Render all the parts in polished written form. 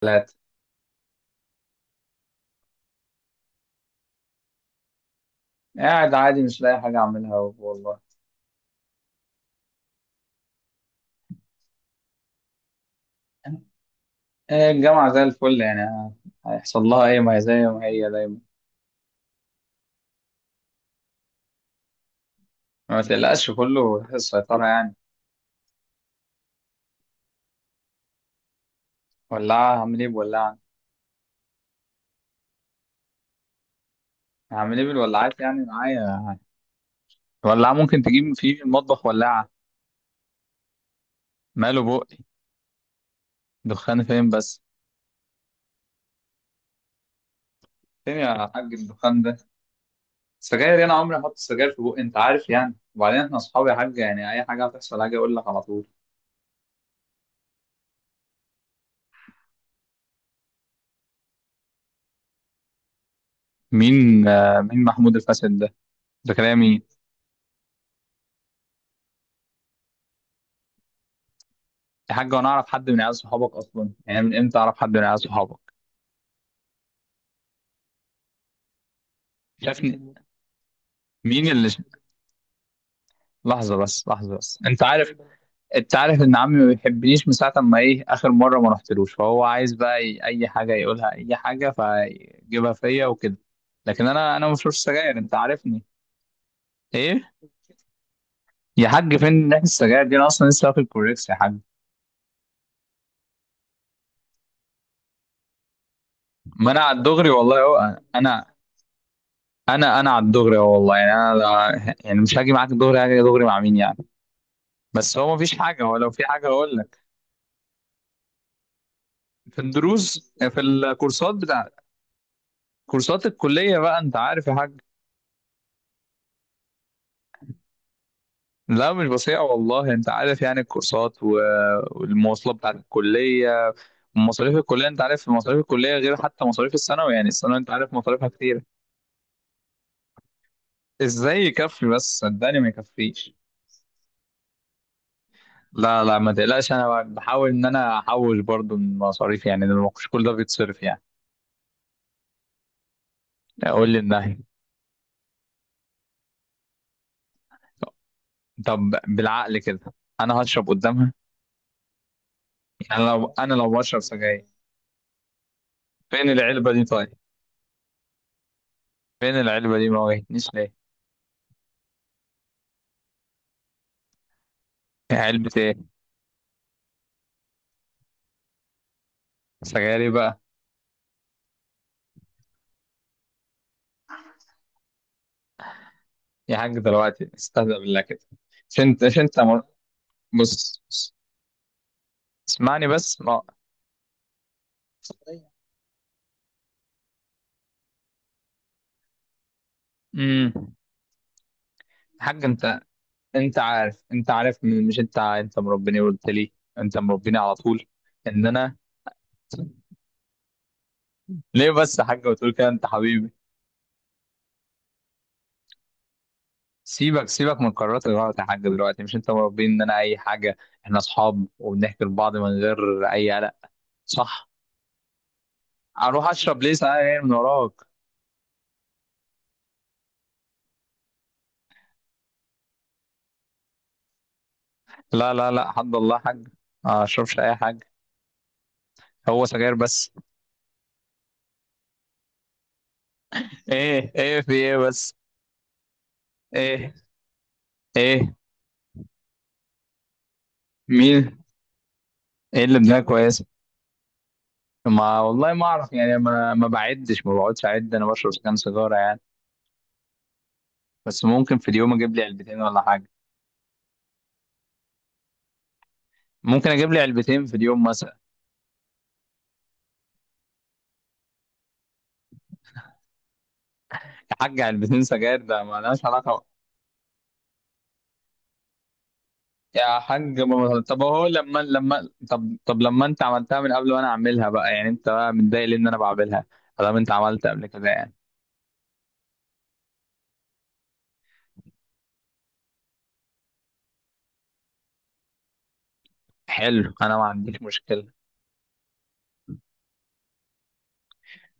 ثلاثة. قاعد عادي مش لاقي حاجة أعملها والله. آه، الجامعة زي الفل يعني هيحصل لها إيه؟ ما هي زي ما هي دايما. ما تقلقش كله في السيطرة يعني. ولاعة هعمل إيه بولاعة؟ هعمل إيه بالولاعات يعني معايا؟ ولاعة ممكن تجيب في المطبخ ولاعة. ماله بقي؟ دخان فين بس؟ فين يا حاج الدخان ده؟ سجاير، أنا عمري ما أحط سجاير في بقي أنت عارف يعني، وبعدين إحنا أصحابي يا حاج، يعني أي حاجة هتحصل هاجي أقول لك على طول. مين محمود الفاسد ده؟ ده كلامي. يا حاج وانا اعرف حد من عيال صحابك اصلا يعني؟ من امتى اعرف حد من عيال صحابك؟ شافني؟ مين اللي ش... لحظه بس، لحظه بس، انت عارف ان عمي ما بيحبنيش من ساعه ما، ايه اخر مره ما رحتلوش، فهو عايز بقى اي حاجه يقولها اي حاجه فيجيبها فيا وكده. لكن انا ما بشربش سجاير، انت عارفني. ايه يا حاج؟ فين ريحه السجاير دي؟ انا اصلا لسه واكل كوريكس يا حاج. ما انا على الدغري والله اهو، انا انا على الدغري اهو والله، يعني انا يعني مش هاجي معاك الدغري، هاجي دغري مع مين يعني؟ بس هو مفيش حاجة، هو لو في حاجة هقول لك. في الدروس آه، في الكورسات بتاع، كورسات الكلية بقى انت عارف يا حاج. لا مش بصيع والله، انت عارف يعني، الكورسات والمواصلات بتاعت الكلية. مصاريف الكلية، انت عارف مصاريف الكلية غير حتى مصاريف الثانوي، يعني الثانوي انت عارف مصاريفها كتير. ازاي يكفي بس؟ صدقني ما يكفيش. لا لا، ما تقلقش، انا بحاول ان انا احوش برضو من مصاريف يعني، لأن مش كل ده بيتصرف يعني. اقول للنهي. طب بالعقل كده، انا هشرب قدامها؟ يعني لو انا لو بشرب سجاير. فين العلبة دي طيب؟ فين العلبة دي؟ ما واجهتنيش ليه؟ إيه علبة ايه؟ سجاري بقى؟ يا حاج دلوقتي استهزأ بالله كده. مش انت، مش انت مر... بص بص. اسمعني بس ما امم حاج انت عارف انت عارف مش انت، انت مربيني، قلت لي انت مربيني على طول ان انا. ليه بس يا حاج بتقول كده؟ انت حبيبي. سيبك سيبك من قرارات الغلط يا حاج، دلوقتي مش انت مربيني ان انا اي حاجة؟ احنا اصحاب وبنحكي لبعض من غير اي قلق، صح؟ اروح اشرب ليه ساعة من وراك؟ لا لا لا، حد الله حاج، ما اشربش اي حاجه، هو سجاير بس. ايه ايه في ايه بس؟ ايه ايه مين؟ ايه اللي بدماغ كويسه؟ ما والله ما اعرف يعني، ما بعدش ما بقعدش اعد انا بشرب كام سيجاره يعني، بس ممكن في اليوم اجيب لي علبتين ولا حاجه، ممكن اجيب لي علبتين في اليوم مثلا. يا حاج علبتين سجاير ده ما لهاش علاقه. يا حاج طب هو لما طب لما انت عملتها من قبل وانا اعملها بقى، يعني انت بقى متضايق ليه ان انا بعملها؟ طالما انت عملت قبل كده يعني. حلو، انا ما عنديش مشكله.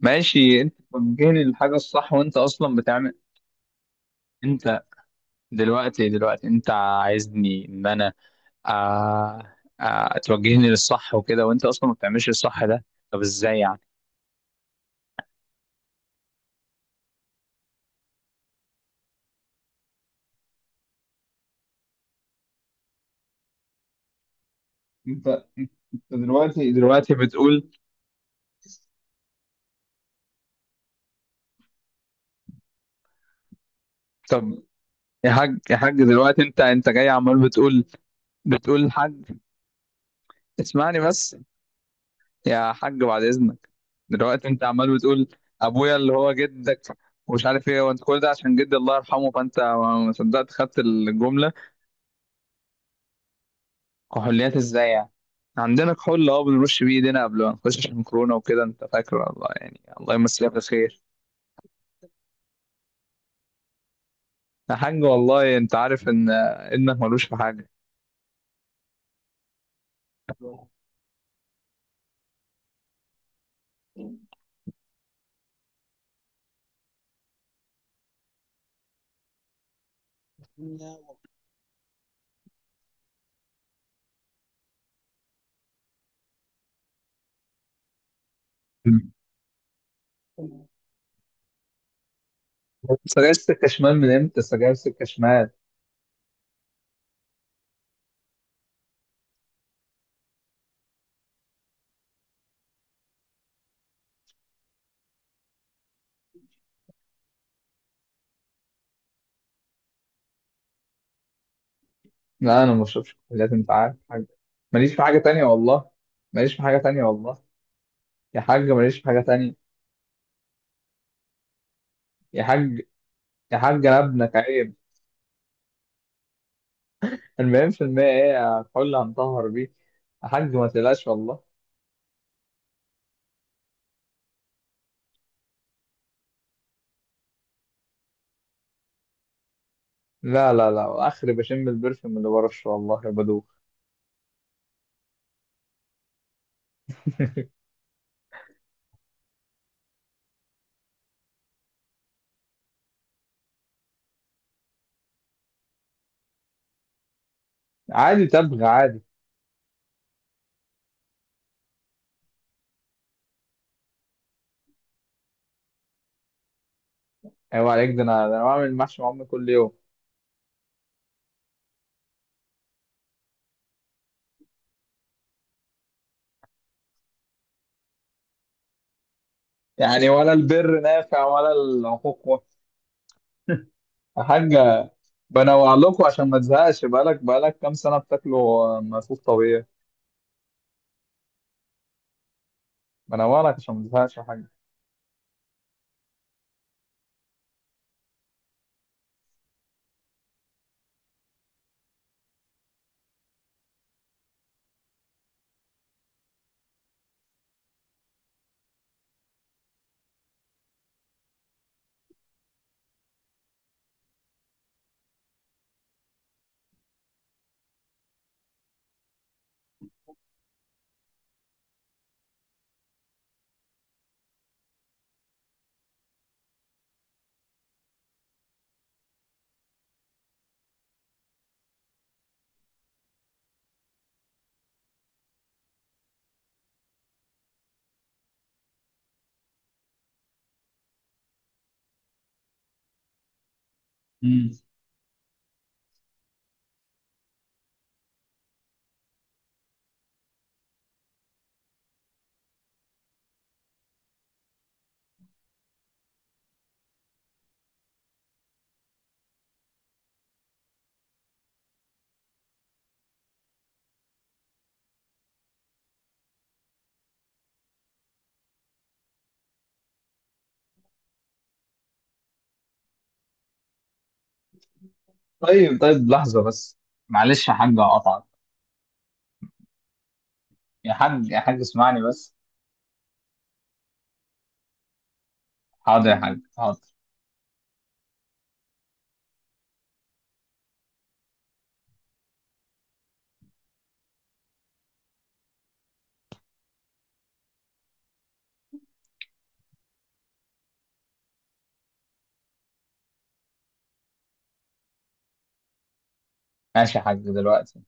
ماشي، انت توجهني للحاجه الصح وانت اصلا بتعمل. انت دلوقتي انت عايزني ان انا، آه آه، توجهني للصح وكده وانت اصلا ما بتعملش الصح ده؟ طب ازاي يعني؟ انت انت دلوقتي بتقول. طب يا حاج، يا حاج دلوقتي انت جاي عمال بتقول، بتقول الحاج. اسمعني بس، يا حاج بعد اذنك، دلوقتي انت عمال بتقول ابويا اللي هو جدك ومش عارف ايه، وانت كل ده عشان جدي الله يرحمه، فانت ما صدقت خدت الجمله. كحوليات ازاي يعني؟ عندنا كحول، اه، بنرش بيه ايدينا قبل ما نخش عشان كورونا وكده انت فاكر، الله يعني، الله يمسيها بالخير. يا حاج والله انت عارف ان ابنك ملوش في حاجه. سجاير سكه شمال؟ من امتى سجاير سكه شمال؟ لا انا ما بشربش كحوليات، انت عارف حاجه. ماليش في حاجه تانية والله. ماليش في حاجه تانية والله. يا حاج ماليش في حاجه تانية. يا حاج، يا حاج، انا ابنك، عيب. المهم في المية ايه الكحول اللي هنطهر بيه. يا حاج ما تقلقش والله. لا لا لا، اخري بشم البرفيوم اللي برشه والله يا بدوخ. عادي، تبغى عادي. ايوه عليك، ده انا، ده انا بعمل محشي مع امي كل يوم. يعني ولا البر نافع ولا العقوق. يا حاج بنوع لكم عشان ما تزهقش، بقالك كام سنه بتاكلوا ملفوف طبيعي. بنورك عشان ما تزهقش يا حاج. مم. طيب طيب، لحظة بس، معلش يا حاج أقطعك. يا حاج، يا حاج اسمعني بس. حاضر يا حاج حاضر. ماشي يا حاج دلوقتي،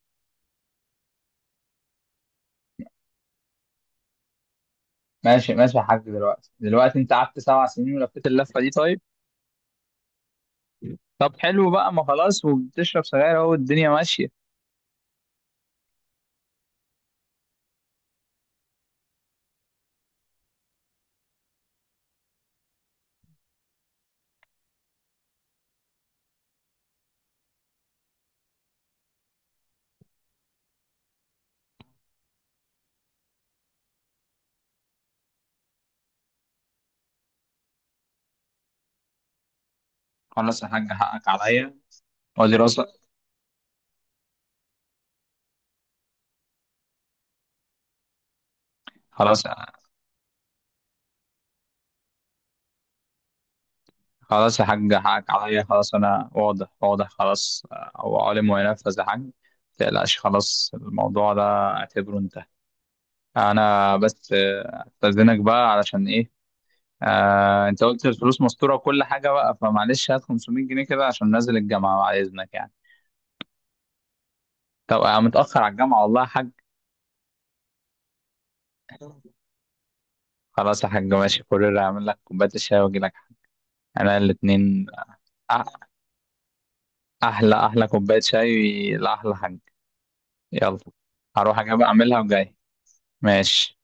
ماشي ماشي يا حاج دلوقتي أنت قعدت 7 سنين ولفيت اللفة دي طيب. طب حلو بقى، ما خلاص وبتشرب سجاير أهو الدنيا ماشية. خلاص يا حاج، حقك عليا، وأدي راسك. خلاص خلاص يا حاج، حقك عليا، خلاص أنا واضح واضح خلاص. هو عالم وينفذ يا حاج، متقلقش، خلاص الموضوع ده اعتبره انتهى. انا بس استاذنك بقى علشان ايه. آه، انت قلت الفلوس مستوره وكل حاجه بقى، فمعلش هات 500 جنيه كده عشان نازل الجامعه بعد اذنك يعني. طب انا متاخر على الجامعه والله يا حاج. خلاص يا حاج ماشي، كورير هعمل لك كوبايه الشاي واجي لك. انا الاثنين. احلى احلى كوبايه شاي لاحلى حاج. يلا. هروح اجي بقى اعملها وجاي. ماشي.